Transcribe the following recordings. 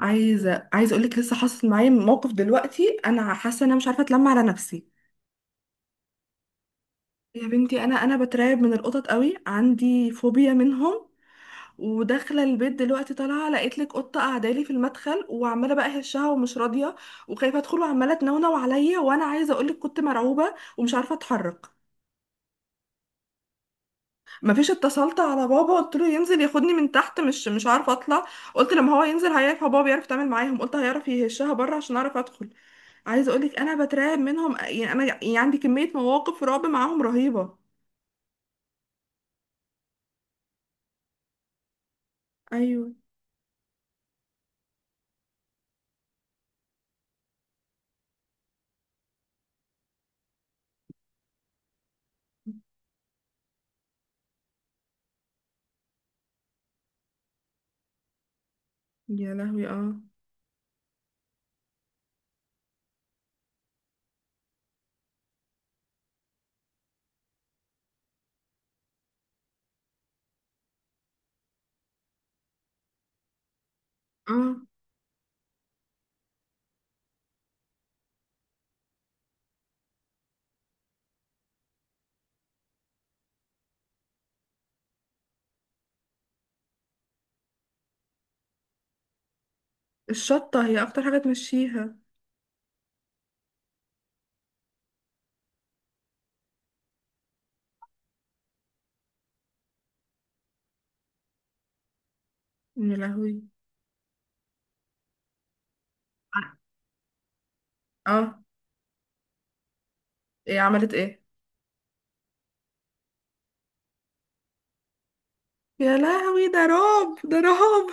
عايزه اقول لك لسه حاصل معايا موقف دلوقتي. انا حاسه ان انا مش عارفه اتلم على نفسي. يا بنتي انا بترعب من القطط قوي، عندي فوبيا منهم. وداخله البيت دلوقتي طالعه لقيت لك قطه قاعده لي في المدخل، وعماله بقى هشها ومش راضيه، وخايفه ادخل وعماله تنونو عليا، وانا عايزه اقول لك كنت مرعوبه ومش عارفه اتحرك. مفيش، اتصلت على بابا قلت له ينزل ياخدني من تحت، مش عارفه اطلع. قلت لما هو ينزل هيعرف، هو بابا بيعرف يتعامل معاهم، قلت هيعرف يهشها بره عشان اعرف ادخل. عايزه اقولك انا بترعب منهم، يعني انا يعني عندي كميه مواقف رعب معاهم رهيبه. ايوه. يا لهوي اه. اه. الشطه هي اكتر حاجه تمشيها. يا لهوي. اه. ايه عملت ايه؟ يا لهوي ده رعب ده رعب.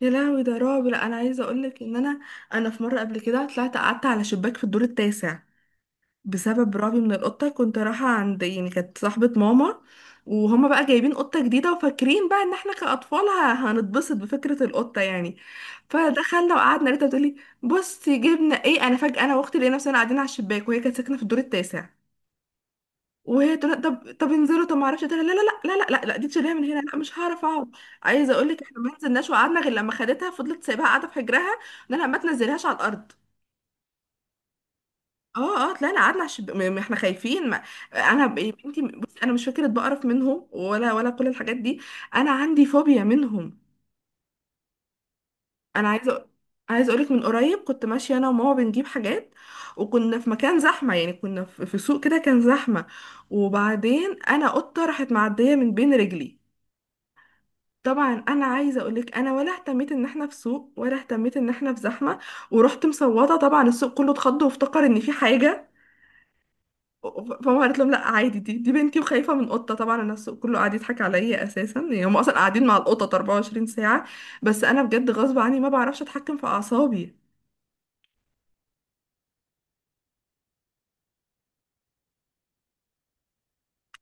يا لهوي ده رعب. لا انا عايزه اقولك ان انا، انا في مره قبل كده طلعت قعدت على شباك في الدور التاسع بسبب رعبي من القطة. كنت رايحة عند يعني كانت صاحبة ماما، وهما بقى جايبين قطة جديدة وفاكرين بقى ان احنا كأطفال هنتبسط بفكرة القطة يعني. فدخلنا وقعدنا لقيتها بتقولي بصي جبنا ايه. انا فجأة انا واختي لقينا نفسنا قاعدين على الشباك، وهي كانت ساكنة في الدور التاسع. وهي تقول طب طب انزلوا، طب ما اعرفش، لا لا لا، لا لا لا، لا دي تشيليها من هنا، لا مش هعرف اقعد. عايزه اقول لك احنا ما نزلناش وقعدنا غير لما خدتها، فضلت سايباها قاعده في حجرها، ان انا ما تنزلهاش على الارض. اه اه طلعنا قعدنا على احنا خايفين ما... انا يا بنتي بصي انا مش فكره بقرف منهم ولا كل الحاجات دي. انا عندي فوبيا منهم. انا عايزه عايزه اقولك من قريب كنت ماشيه انا وماما بنجيب حاجات، وكنا في مكان زحمه، يعني كنا في سوق كده كان زحمه. وبعدين انا قطه راحت معديه من بين رجلي. طبعا انا عايزه اقولك انا ولا اهتميت ان احنا في سوق ولا اهتميت ان احنا في زحمه، ورحت مصوته. طبعا السوق كله اتخض وافتكر ان في حاجه. فماما قالت لهم لا عادي، دي بنتي وخايفه من قطه. طبعا الناس كله قاعد يضحك عليا اساسا، يعني هم اصلا قاعدين مع القطط 24 ساعه. بس انا بجد غصب عني ما بعرفش اتحكم في اعصابي.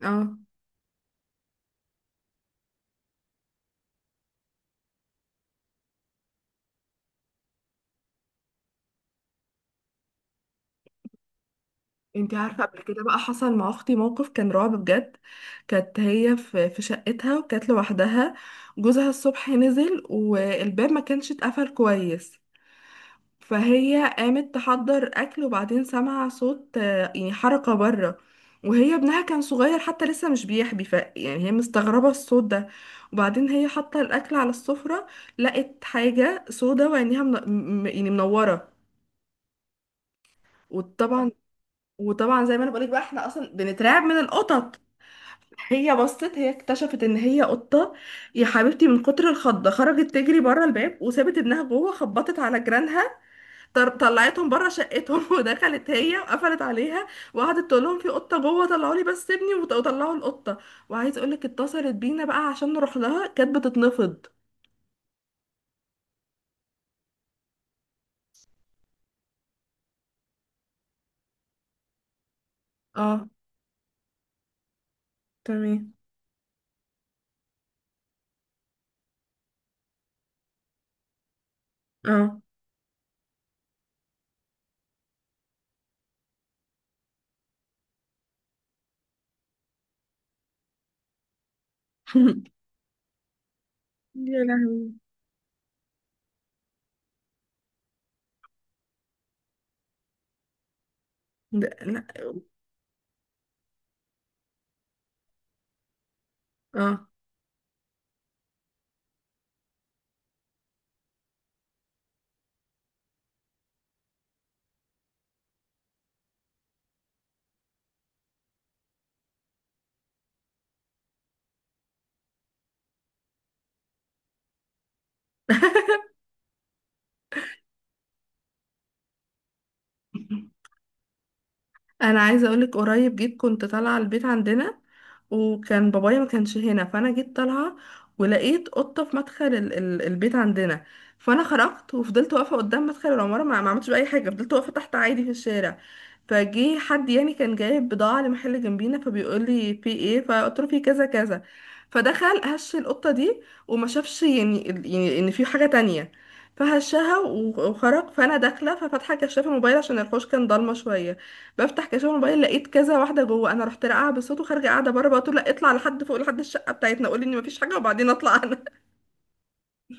اه. انتي عارفه قبل كده بقى حصل مع اختي موقف كان رعب بجد. كانت هي في شقتها وكانت لوحدها. جوزها الصبح نزل والباب ما كانش اتقفل كويس، فهي قامت تحضر اكل، وبعدين سمع صوت يعني حركه بره. وهي ابنها كان صغير حتى لسه مش بيحبي، ف يعني هي مستغربه الصوت ده. وبعدين هي حاطه الاكل على السفره، لقت حاجه سودا وعينيها يعني منوره. وطبعا، وطبعا زي ما انا بقولك بقى احنا اصلا بنترعب من القطط. هي بصت، هي اكتشفت ان هي قطه. يا حبيبتي من كتر الخضه خرجت تجري بره الباب وسابت ابنها جوه، خبطت على جيرانها، طلعتهم بره شقتهم ودخلت هي وقفلت عليها، وقعدت تقول لهم في قطه جوه طلعوا لي بس ابني وطلعوا القطه. وعايز اقول لك اتصلت بينا بقى عشان نروح لها كانت بتتنفض. اه. تمام. اه. يا لهوي. ده- لا. اه. انا عايزه اقولك قريب جيت كنت طالعه البيت عندنا، وكان بابايا ما كانش هنا، فانا جيت طالعه ولقيت قطه في مدخل ال البيت عندنا. فانا خرجت وفضلت واقفه قدام مدخل العماره، ما عملتش باي حاجه، فضلت واقفه تحت عادي في الشارع. فجه حد يعني كان جايب بضاعه لمحل جنبينا فبيقول لي في ايه، فقلت له في كذا كذا. فدخل هش القطه دي وما شافش، يعني ان في حاجه تانية. فهشها و- وخرج. فانا داخله ففاتحه كشاف الموبايل عشان الحوش كان ضلمه شويه. بفتح كشاف الموبايل لقيت كذا واحده جوه، انا رحت راقعه بالصوت وخارجه قاعده بره بقول لا اطلع لحد فوق، لحد الشقه بتاعتنا قولي ان مفيش حاجه وبعدين اطلع انا.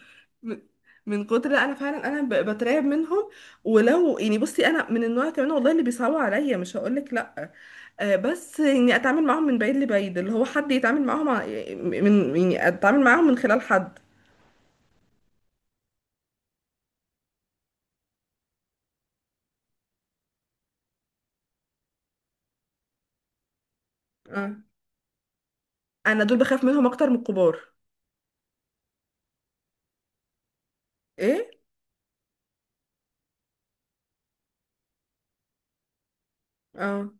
من، من كتر، لا انا فعلا انا بترعب منهم. ولو يعني بصي انا من النوع كمان والله اللي بيصعبوا عليا مش هقولك لا، آه، بس اني اتعامل معاهم من بعيد لبعيد، اللي هو حد يتعامل معاهم من يعني اتعامل معاهم من خلال حد. آه. انا دول بخاف منهم اكتر من الكبار. ايه. اه.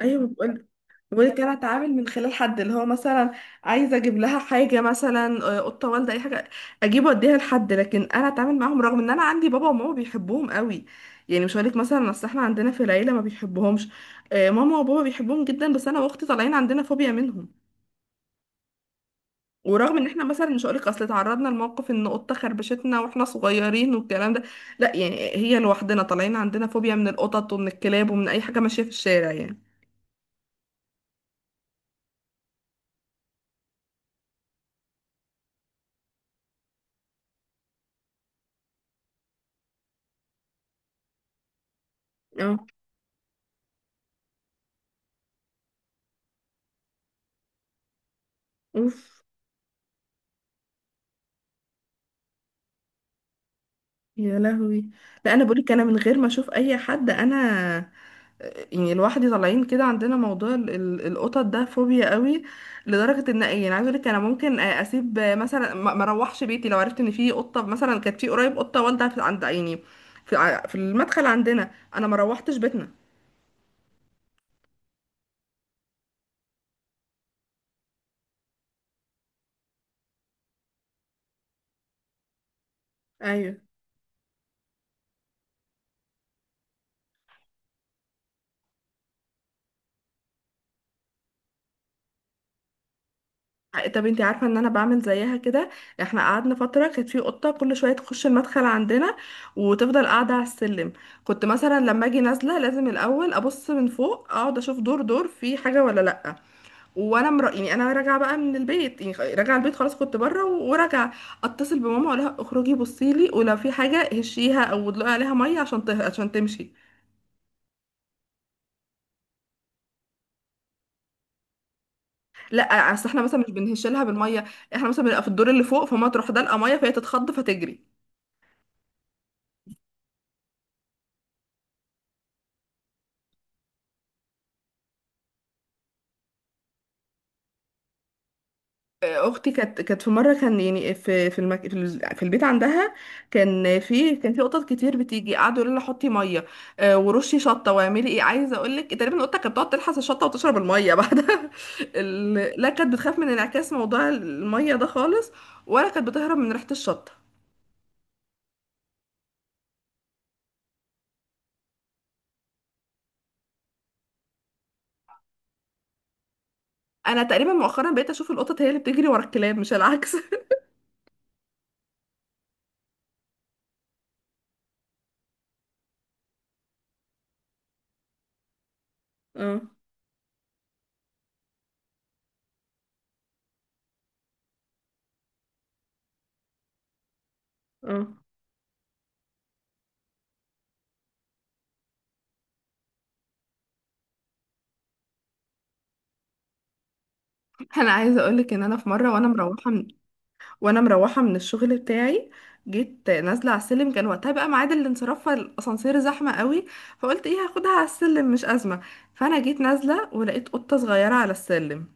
ايوه. وكان اتعامل من خلال حد، اللي هو مثلا عايزه اجيب لها حاجه مثلا، قطه والده اي حاجه، اجيب واديها لحد، لكن انا اتعامل معاهم، رغم ان انا عندي بابا وماما بيحبوهم قوي. يعني مش هقولك مثلا اصل احنا عندنا في العيله ما بيحبوهمش، ماما وبابا بيحبوهم جدا، بس انا واختي طالعين عندنا فوبيا منهم. ورغم ان احنا مثلا مش هقولك اصل اتعرضنا لموقف ان قطه خربشتنا واحنا صغيرين والكلام ده، لا يعني هي لوحدنا طالعين عندنا فوبيا من القطط ومن الكلاب ومن اي حاجه ماشيه في الشارع يعني. اه. اوف. يا لهوي. لا انا بقولك انا من غير ما اشوف اي حد، انا يعني لوحدي طالعين كده عندنا موضوع القطط ده فوبيا قوي. لدرجه ان يعني عايزه اقولك انا ممكن اسيب مثلا، ما اروحش بيتي لو عرفت ان في قطه. مثلا كانت في قريب قطه والده في عند عيني، في في المدخل عندنا، انا ما روحتش بيتنا. ايوه. طب انتي عارفه ان انا بعمل زيها كده. احنا قعدنا فتره كانت في قطه كل شويه تخش المدخل عندنا وتفضل قاعده على السلم، كنت مثلا لما اجي نازله لازم الاول ابص من فوق، اقعد اشوف دور في حاجه ولا لا. يعني انا راجعه بقى من البيت، يعني راجعه البيت خلاص كنت بره و- وراجعه. اتصل بماما اقول لها اخرجي بصي لي ولو في حاجه هشيها او ادلقي عليها ميه عشان عشان تمشي. لا اصل احنا مثلا مش بنهش لها بالميه، احنا مثلا بنبقى في الدور اللي فوق، فما تروح دلقه ميه فهي تتخض فتجري. اختي كانت في مره كان يعني في في في البيت عندها، كان في، كان في قطط كتير بتيجي، قعدوا يقولوا لها حطي ميه، ورشي شطه واعملي ايه. عايزه اقول لك تقريبا القطه كانت بتقعد تلحس الشطه وتشرب الميه بعدها ال... لا كانت بتخاف من انعكاس موضوع الميه ده خالص، ولا كانت بتهرب من ريحه الشطه. انا تقريبا مؤخرا بقيت اشوف القطط هي اللي بتجري ورا الكلاب مش العكس. اه. اه. انا عايزه اقول لك ان انا في مره وانا مروحه، وانا مروحه من الشغل بتاعي، جيت نازله على السلم، كان وقتها بقى ميعاد الانصراف فالاسانسير زحمه قوي، فقلت ايه هاخدها على السلم مش ازمه. فانا جيت نازله ولقيت قطه صغيره على السلم.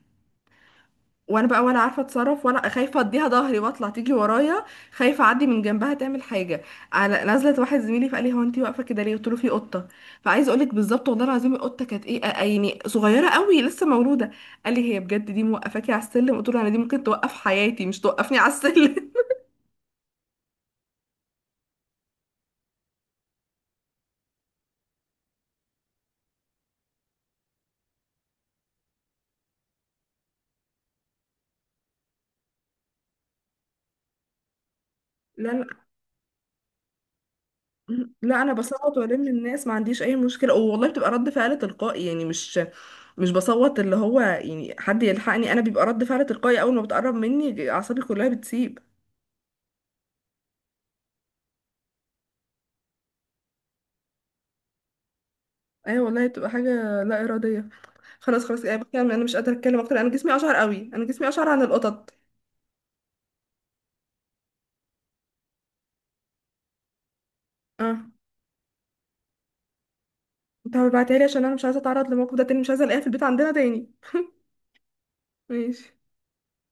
وانا بقى ولا عارفه اتصرف، ولا خايفه اديها ظهري واطلع تيجي ورايا، خايفه اعدي من جنبها تعمل حاجه. على نزلت واحد زميلي فقال لي هو انت واقفه كده ليه، قلت له في قطه. فعايزه اقول لك بالظبط والله العظيم القطه كانت ايه يعني صغيره قوي لسه مولوده. قال لي هي بجد دي موقفاكي على السلم، قلت له انا دي ممكن توقف حياتي مش توقفني على السلم. لا لا. لا انا بصوت والم الناس ما عنديش اي مشكله والله، بتبقى رد فعل تلقائي يعني، مش مش بصوت اللي هو يعني حد يلحقني، انا بيبقى رد فعل تلقائي اول ما بتقرب مني اعصابي كلها بتسيب. ايوه والله بتبقى حاجه لا اراديه. خلاص خلاص يعني بتكلم انا مش قادره اتكلم اكتر، انا جسمي اشعر قوي، انا جسمي اشعر عن القطط. اه. انت هبعتها لي عشان انا مش عايزه اتعرض للموقف ده تاني، مش عايزه الاقيها في البيت عندنا تاني. ماشي.